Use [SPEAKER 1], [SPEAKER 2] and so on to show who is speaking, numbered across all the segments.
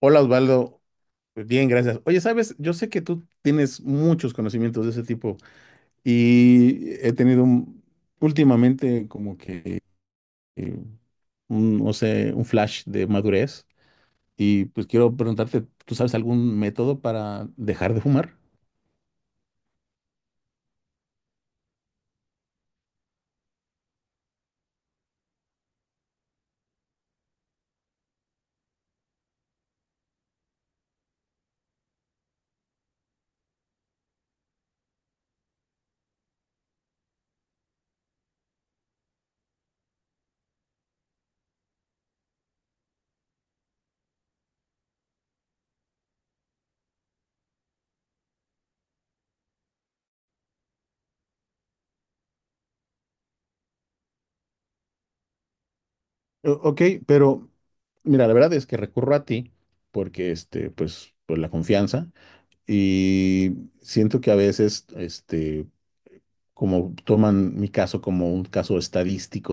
[SPEAKER 1] Hola Osvaldo, bien, gracias. Oye, sabes, yo sé que tú tienes muchos conocimientos de ese tipo y últimamente como que eh, un, no sé, un flash de madurez y pues quiero preguntarte, ¿tú sabes algún método para dejar de fumar? Ok, pero mira, la verdad es que recurro a ti porque, este, pues, por la confianza y siento que a veces, este, como toman mi caso como un caso estadístico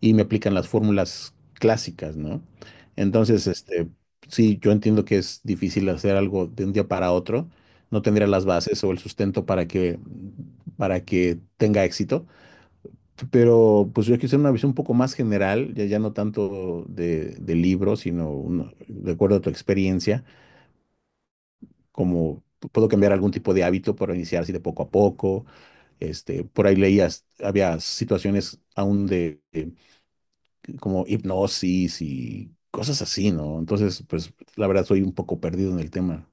[SPEAKER 1] y me aplican las fórmulas clásicas, ¿no? Entonces, este, sí, yo entiendo que es difícil hacer algo de un día para otro, no tendría las bases o el sustento para que tenga éxito, pero pues yo quise una visión un poco más general, ya, ya no tanto de libro, sino de acuerdo a tu experiencia, como puedo cambiar algún tipo de hábito para iniciar así de poco a poco este, por ahí leías, había situaciones aún de como hipnosis y cosas así, ¿no? Entonces, pues la verdad soy un poco perdido en el tema.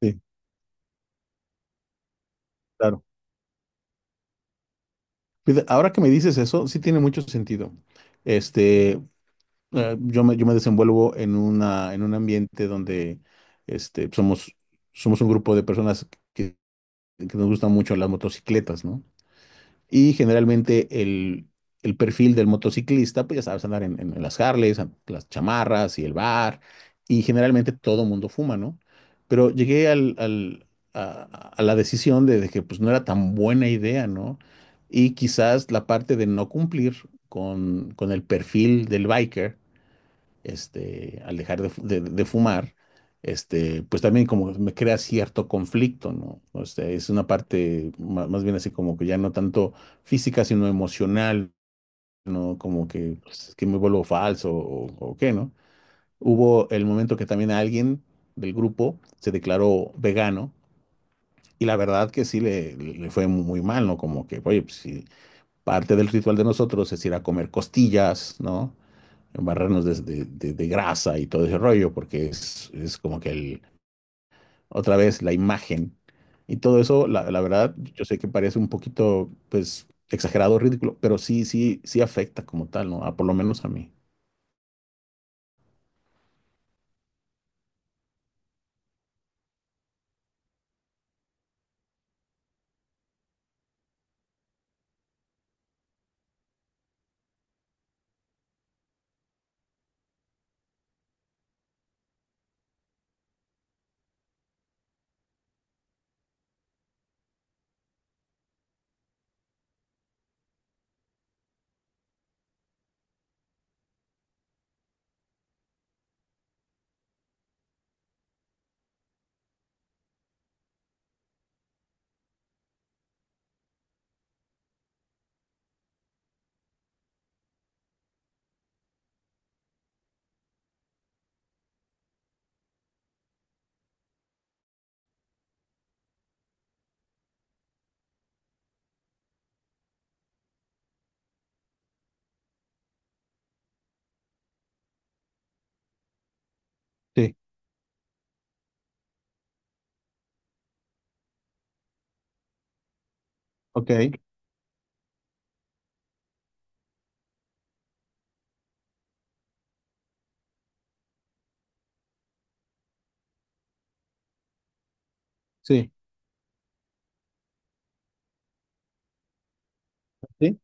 [SPEAKER 1] Sí, claro. Fíjate, ahora que me dices eso, sí tiene mucho sentido. Este, yo me desenvuelvo en una, en un ambiente donde este, somos un grupo de personas que, que nos gustan mucho las motocicletas, ¿no? Y generalmente el perfil del motociclista, pues ya sabes, andar en las Harleys, las chamarras y el bar, y generalmente todo mundo fuma, ¿no? Pero llegué al, al- a, a la decisión de que pues no era tan buena idea, ¿no? Y quizás la parte de no cumplir con el perfil del biker este, al dejar de fumar, este, pues también como me crea cierto conflicto, ¿no? O sea, es una parte más, bien así como que ya no tanto física, sino emocional, ¿no? Como que, pues, que me vuelvo falso o qué, ¿no? Hubo el momento que también alguien del grupo se declaró vegano y la verdad que sí le fue muy mal, ¿no? Como que, oye, pues sí, parte del ritual de nosotros es ir a comer costillas, ¿no? Barrernos de grasa y todo ese rollo, porque es como que el, otra vez la imagen y todo eso, la verdad, yo sé que parece un poquito, pues, exagerado, ridículo, pero sí, sí, sí afecta como tal, ¿no? Ah, por lo menos a mí. Sí, ok, sí. ¿Sí?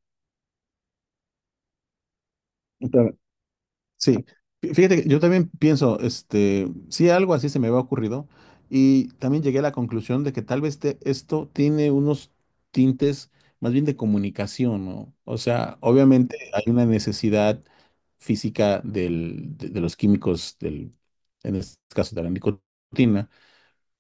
[SPEAKER 1] Sí, fíjate, que yo también pienso, este, sí, algo así se me había ocurrido y también llegué a la conclusión de que esto tiene unos tintes más bien de comunicación, ¿no? O sea, obviamente hay una necesidad física de los químicos, del, en este caso de la nicotina,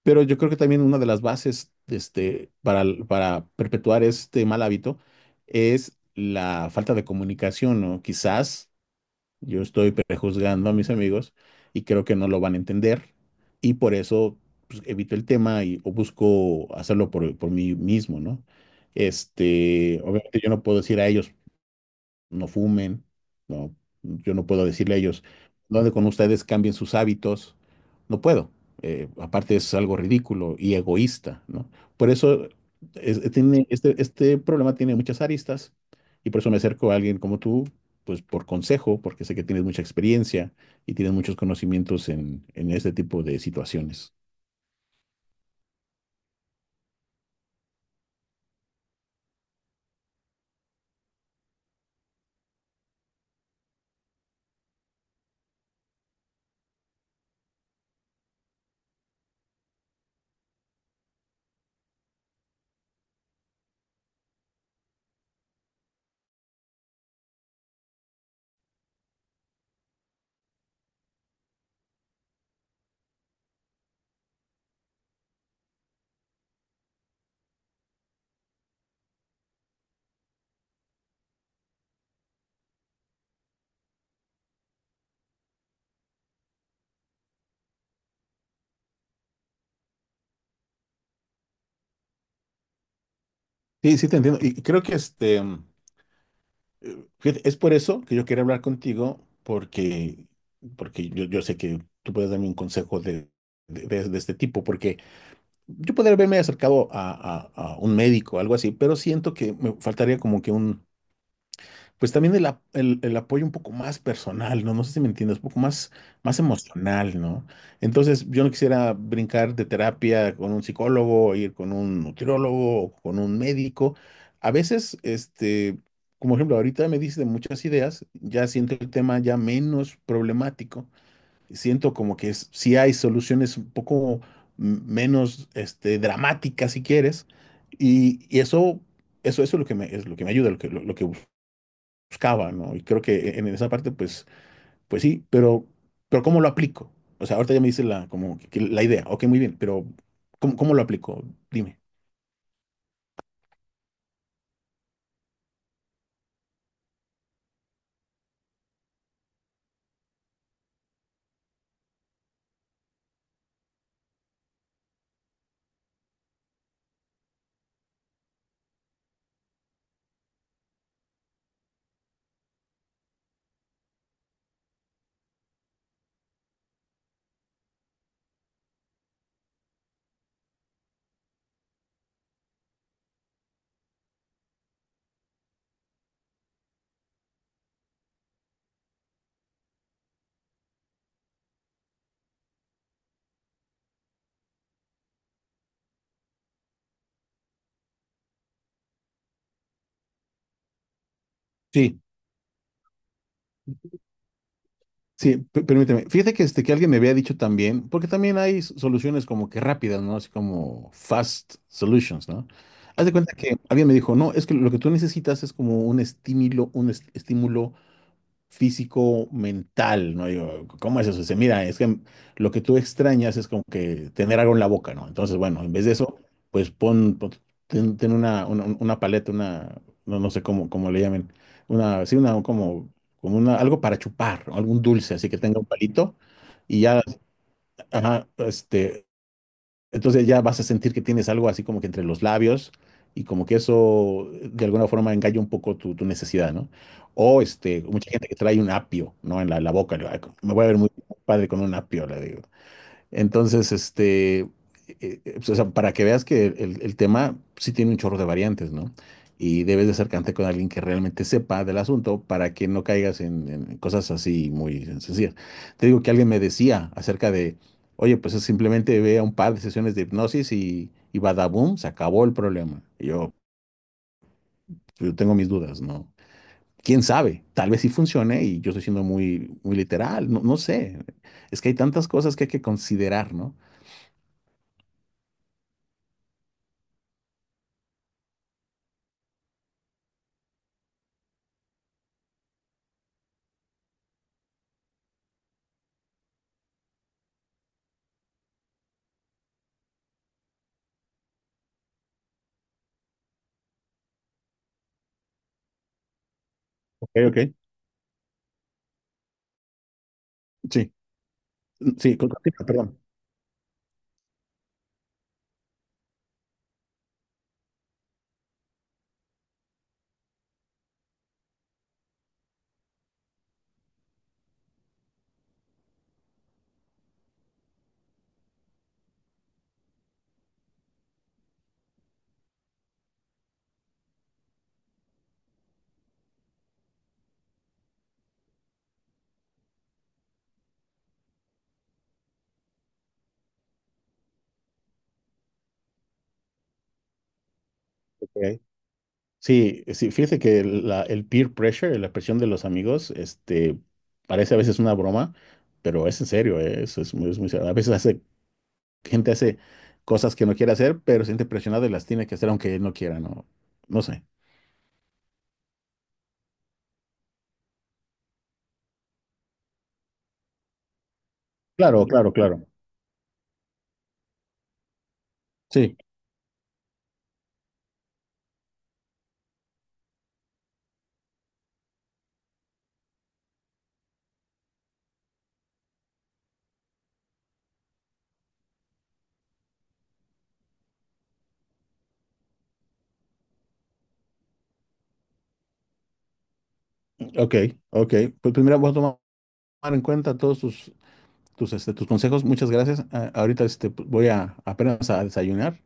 [SPEAKER 1] pero yo creo que también una de las bases, este, para perpetuar este mal hábito es la falta de comunicación, ¿no? Quizás yo estoy prejuzgando a mis amigos y creo que no lo van a entender y por eso pues, evito el tema y o busco hacerlo por mí mismo, ¿no? Este, obviamente yo no puedo decir a ellos, no fumen, no, yo no puedo decirle a ellos, ¿dónde con ustedes cambien sus hábitos? No puedo. Aparte es algo ridículo y egoísta, ¿no? Por eso tiene, este problema tiene muchas aristas y por eso me acerco a alguien como tú, pues por consejo, porque sé que tienes mucha experiencia y tienes muchos conocimientos en este tipo de situaciones. Sí, sí te entiendo. Y creo que este... Fíjate, es por eso que yo quería hablar contigo, porque, porque yo sé que tú puedes darme un consejo de este tipo, porque yo podría haberme acercado a un médico, algo así, pero siento que me faltaría como que un, pues también el apoyo un poco más personal, ¿no? No sé si me entiendes, un poco más, más emocional, ¿no? Entonces, yo no quisiera brincar de terapia con un psicólogo, o ir con un nutriólogo, o con un médico. A veces, este, como ejemplo, ahorita me dices de muchas ideas, ya siento el tema ya menos problemático. Siento como que sí hay soluciones un poco menos, este, dramáticas, si quieres. Y eso es lo que me, es lo que me ayuda, lo que buscaba, ¿no? Y creo que en esa parte, pues, pues sí, pero ¿cómo lo aplico? O sea, ahorita ya me dice la, que la idea, ok, muy bien, pero ¿cómo, cómo lo aplico? Dime. Sí, sí, permíteme. Fíjate que, este, que alguien me había dicho también, porque también hay soluciones como que rápidas, ¿no? Así como fast solutions, ¿no? Haz de cuenta que alguien me dijo, no, es que lo que tú necesitas es como un estímulo, un estímulo físico, mental, ¿no? Yo, ¿cómo es eso? Dice, mira, es que lo que tú extrañas es como que tener algo en la boca, ¿no? Entonces, bueno, en vez de eso, pues ten, ten una paleta, una, no, no sé cómo, cómo le llamen, una, sí, una, como, como una, algo para chupar, ¿no? Algún dulce, así que tenga un palito y ya, ajá, este, entonces ya vas a sentir que tienes algo así como que entre los labios y como que eso de alguna forma engaña un poco tu, tu necesidad, ¿no? O este, mucha gente que trae un apio, ¿no? En la boca, le va, me voy a ver muy padre con un apio, le digo. Entonces, este, pues, o sea, para que veas que el tema sí tiene un chorro de variantes, ¿no? Y debes de acercarte con alguien que realmente sepa del asunto para que no caigas en cosas así muy sencillas. Te digo que alguien me decía acerca de, oye, pues es simplemente ve a un par de sesiones de hipnosis y badaboom, se acabó el problema. Y yo tengo mis dudas, ¿no? ¿Quién sabe? Tal vez sí funcione y yo estoy siendo muy, muy literal, no, no sé. Es que hay tantas cosas que hay que considerar, ¿no? Ok, ok. Sí. Sí, continúa, perdón. Ok. Sí, sí, fíjese que el peer pressure, la presión de los amigos, este, parece a veces una broma, pero es en serio, eso es muy serio. A veces hace, gente hace cosas que no quiere hacer, pero se siente presionada y las tiene que hacer aunque él no quiera, no, no sé. Claro, claro, claro. Sí, ok, ok. Pues primero voy a tomar en cuenta todos tus, tus, este, tus consejos. Muchas gracias. Ah, ahorita este, voy a apenas a desayunar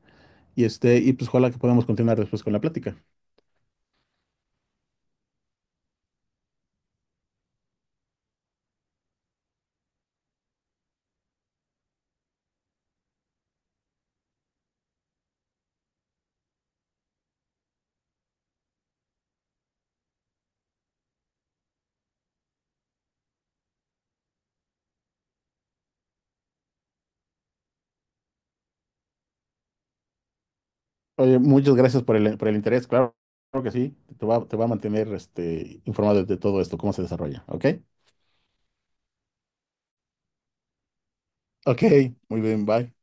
[SPEAKER 1] y este, y pues ojalá que podamos continuar después con la plática. Oye, muchas gracias por el interés, claro, claro que sí, te va a mantener este, informado de todo esto, cómo se desarrolla, ¿ok? Ok, muy bien, bye.